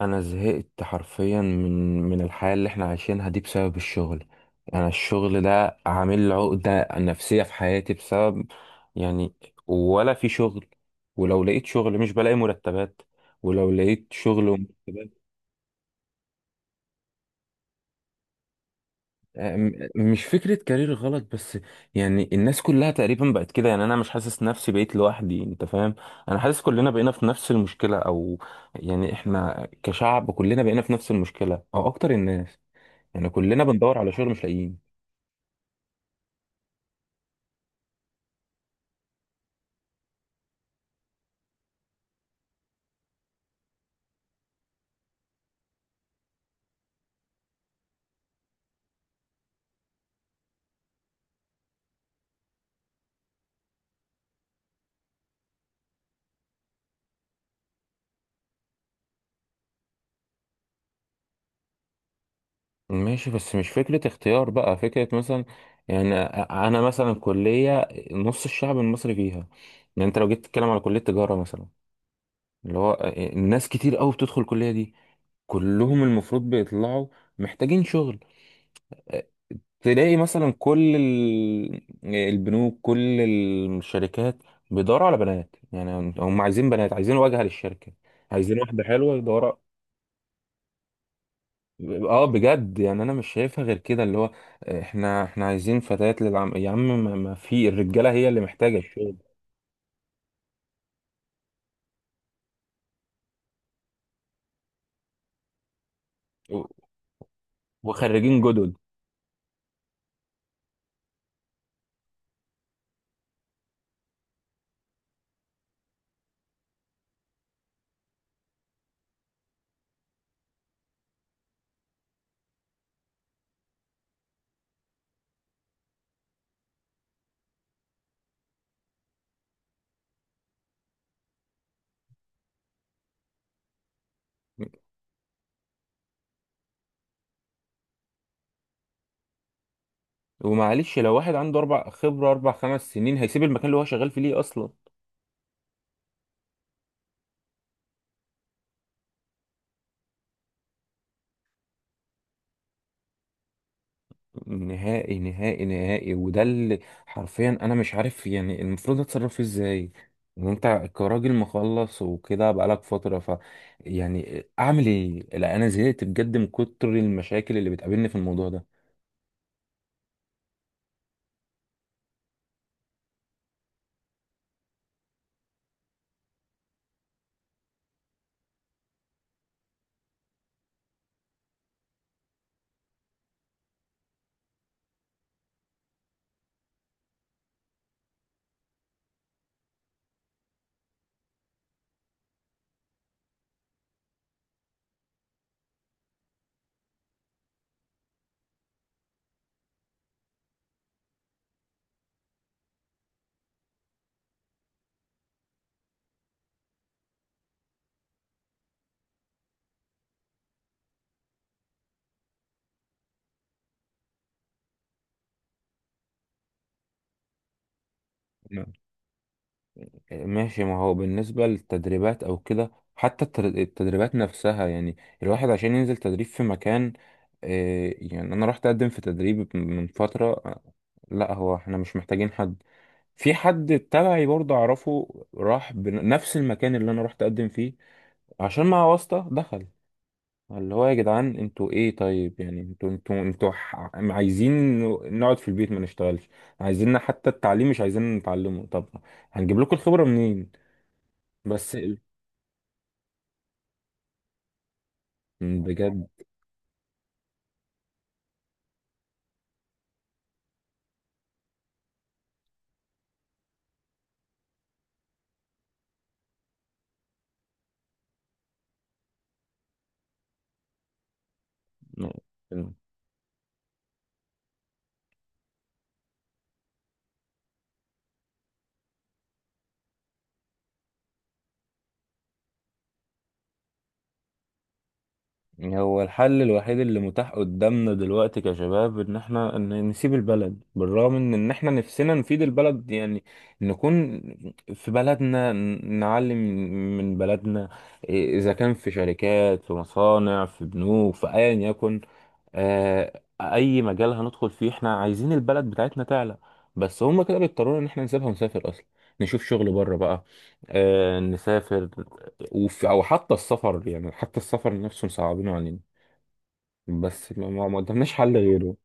انا زهقت حرفيا من الحياه اللي احنا عايشينها دي بسبب الشغل. انا الشغل ده عامل لي عقده نفسيه في حياتي، بسبب يعني. ولا في شغل. ولو لقيت شغل مش بلاقي مرتبات. ولو لقيت شغل ومرتبات. مش فكره كارير غلط بس. يعني الناس كلها تقريبا بقت كده، يعني انا مش حاسس نفسي بقيت لوحدي، انت فاهم. انا حاسس كلنا بقينا في نفس المشكله، او يعني احنا كشعب كلنا بقينا في نفس المشكله او اكتر الناس. يعني كلنا بندور على شغل مش لاقيين. ماشي، بس مش فكرة اختيار بقى فكرة مثلا، يعني. أنا مثلا كلية نص الشعب المصري فيها. يعني أنت لو جيت تتكلم على كلية تجارة مثلا، اللي هو الناس كتير قوي بتدخل الكلية دي، كلهم المفروض بيطلعوا محتاجين شغل. تلاقي مثلا كل البنوك، كل الشركات، بيدوروا على بنات. يعني هم عايزين بنات، عايزين واجهة للشركة، عايزين واحدة حلوة يدوروا. اه بجد، يعني انا مش شايفها غير كده، اللي هو احنا عايزين فتيات للعم يا عم، ما في الرجاله هي اللي محتاجه الشغل. و- وخريجين جدد. ومعلش لو واحد عنده اربع خبره اربع 5 سنين هيسيب المكان اللي هو شغال فيه ليه اصلا؟ نهائي نهائي نهائي، وده اللي حرفيا انا مش عارف يعني المفروض اتصرف فيه ازاي. وانت كراجل مخلص وكده بقالك فتره، ف يعني اعمل ايه؟ لا، انا زهقت بجد من كتر المشاكل اللي بتقابلني في الموضوع ده. ماشي، ما هو بالنسبة للتدريبات أو كده، حتى التدريبات نفسها. يعني الواحد عشان ينزل تدريب في مكان، يعني أنا رحت أقدم في تدريب من فترة، لا هو احنا مش محتاجين حد. في حد تبعي برضه أعرفه راح بنفس المكان اللي أنا رحت أقدم فيه عشان مع واسطة دخل، اللي هو يا جدعان انتوا ايه؟ طيب يعني انتوا عايزين نقعد في البيت ما نشتغلش؟ عايزيننا حتى التعليم مش عايزين نتعلمه؟ طب هنجيب لكم الخبرة منين؟ بس بجد هو الحل الوحيد اللي متاح قدامنا دلوقتي كشباب، ان احنا ان نسيب البلد، بالرغم من ان احنا نفسنا نفيد البلد، يعني نكون في بلدنا نعلم من بلدنا. إيه، اذا كان في شركات، في مصانع، في بنوك، في ايا يكن، اي مجال هندخل فيه، احنا عايزين البلد بتاعتنا تعلى. بس هما كده بيضطرونا ان احنا نسيبها ونسافر اصلا، نشوف شغل بره بقى، نسافر. وفي، او حتى السفر، يعني حتى السفر نفسه مصعبينه علينا، بس ما قدامناش حل غيره.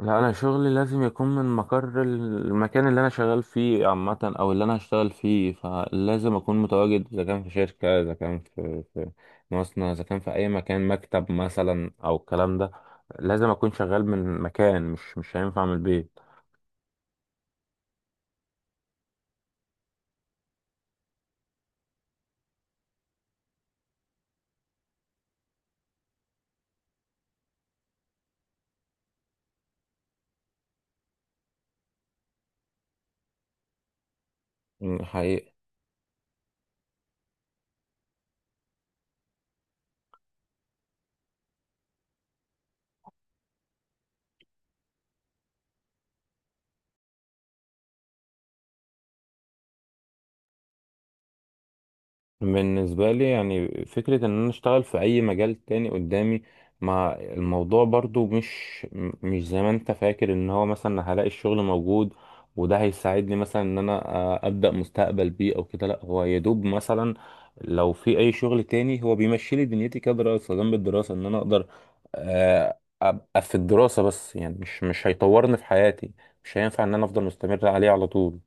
لا، انا شغلي لازم يكون من مقر المكان اللي انا شغال فيه عامه، او اللي انا هشتغل فيه، فلازم اكون متواجد، اذا كان في شركه، اذا كان في مصنع، اذا كان في اي مكان، مكتب مثلا او الكلام ده. لازم اكون شغال من مكان، مش هينفع من البيت. حقيقي. بالنسبة لي، يعني فكرة إن أنا أشتغل في أي مجال تاني قدامي، ما الموضوع برضو مش مش زي ما أنت فاكر إن هو مثلا هلاقي الشغل موجود، وده هيساعدني مثلا إن أنا أبدأ مستقبل بيه أو كده. لأ، هو يدوب مثلا لو في أي شغل تاني هو بيمشي لي دنيتي كدراسة جنب الدراسة، إن أنا أقدر أبقى في الدراسة بس، يعني مش هيطورني في حياتي، مش هينفع إن أنا أفضل مستمر عليه على طول،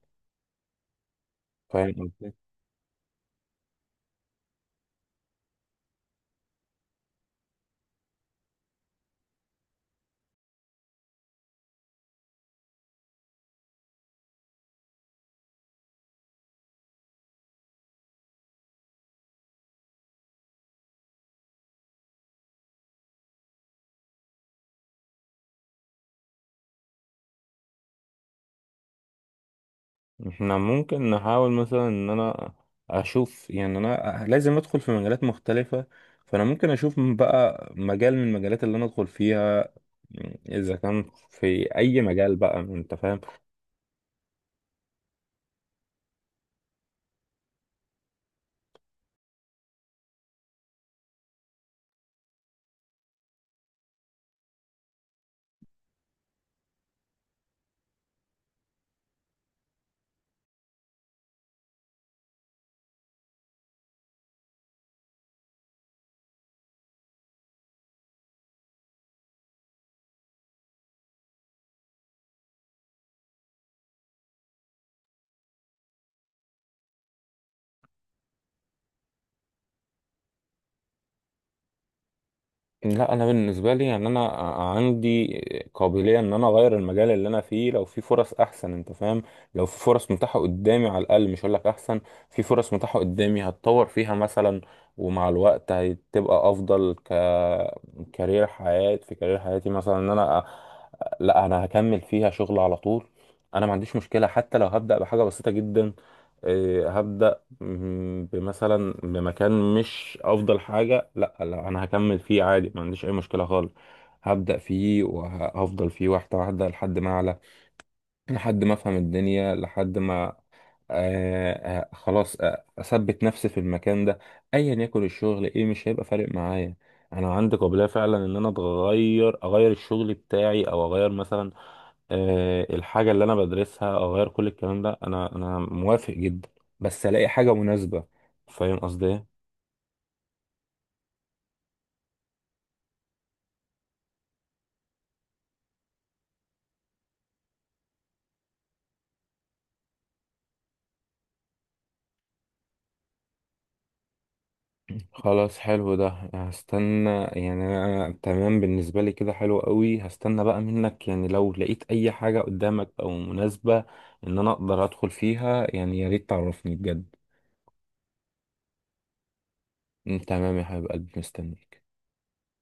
فاهم. احنا ممكن نحاول مثلا ان انا اشوف، يعني انا لازم ادخل في مجالات مختلفة، فانا ممكن اشوف من بقى مجال من المجالات اللي انا ادخل فيها، اذا كان في اي مجال بقى، انت فاهم. لا، انا بالنسبه لي، يعني انا عندي قابليه ان انا اغير المجال اللي انا فيه لو في فرص احسن، انت فاهم. لو في فرص متاحه قدامي، على الاقل مش هقول لك احسن، في فرص متاحه قدامي هتطور فيها مثلا، ومع الوقت هتبقى افضل كارير حياه، في كارير حياتي، مثلا، ان انا لا، انا هكمل فيها شغل على طول. انا ما عنديش مشكله، حتى لو هبدا بحاجه بسيطه جدا. إيه، هبدا، بمثلا بمكان مش افضل حاجه. لا لا، انا هكمل فيه عادي، ما عنديش اي مشكله خالص. هبدا فيه وهفضل فيه واحده واحده، لحد ما اعلى، لحد ما افهم الدنيا، لحد ما خلاص اثبت نفسي في المكان ده. ايا يكن الشغل ايه، مش هيبقى فارق معايا. انا عندي قابليه فعلا ان انا اتغير، اغير الشغل بتاعي، او اغير مثلا، الحاجة اللي أنا بدرسها، أغير كل الكلام ده. أنا موافق جدا، بس ألاقي حاجة مناسبة. فاهم قصدي إيه؟ خلاص، حلو ده. هستنى، يعني أنا تمام بالنسبة لي كده، حلو قوي. هستنى بقى منك، يعني لو لقيت أي حاجة قدامك أو مناسبة إن أنا أقدر أدخل فيها، يعني يا ريت تعرفني بجد. تمام يا حبيب قلبي، مستني.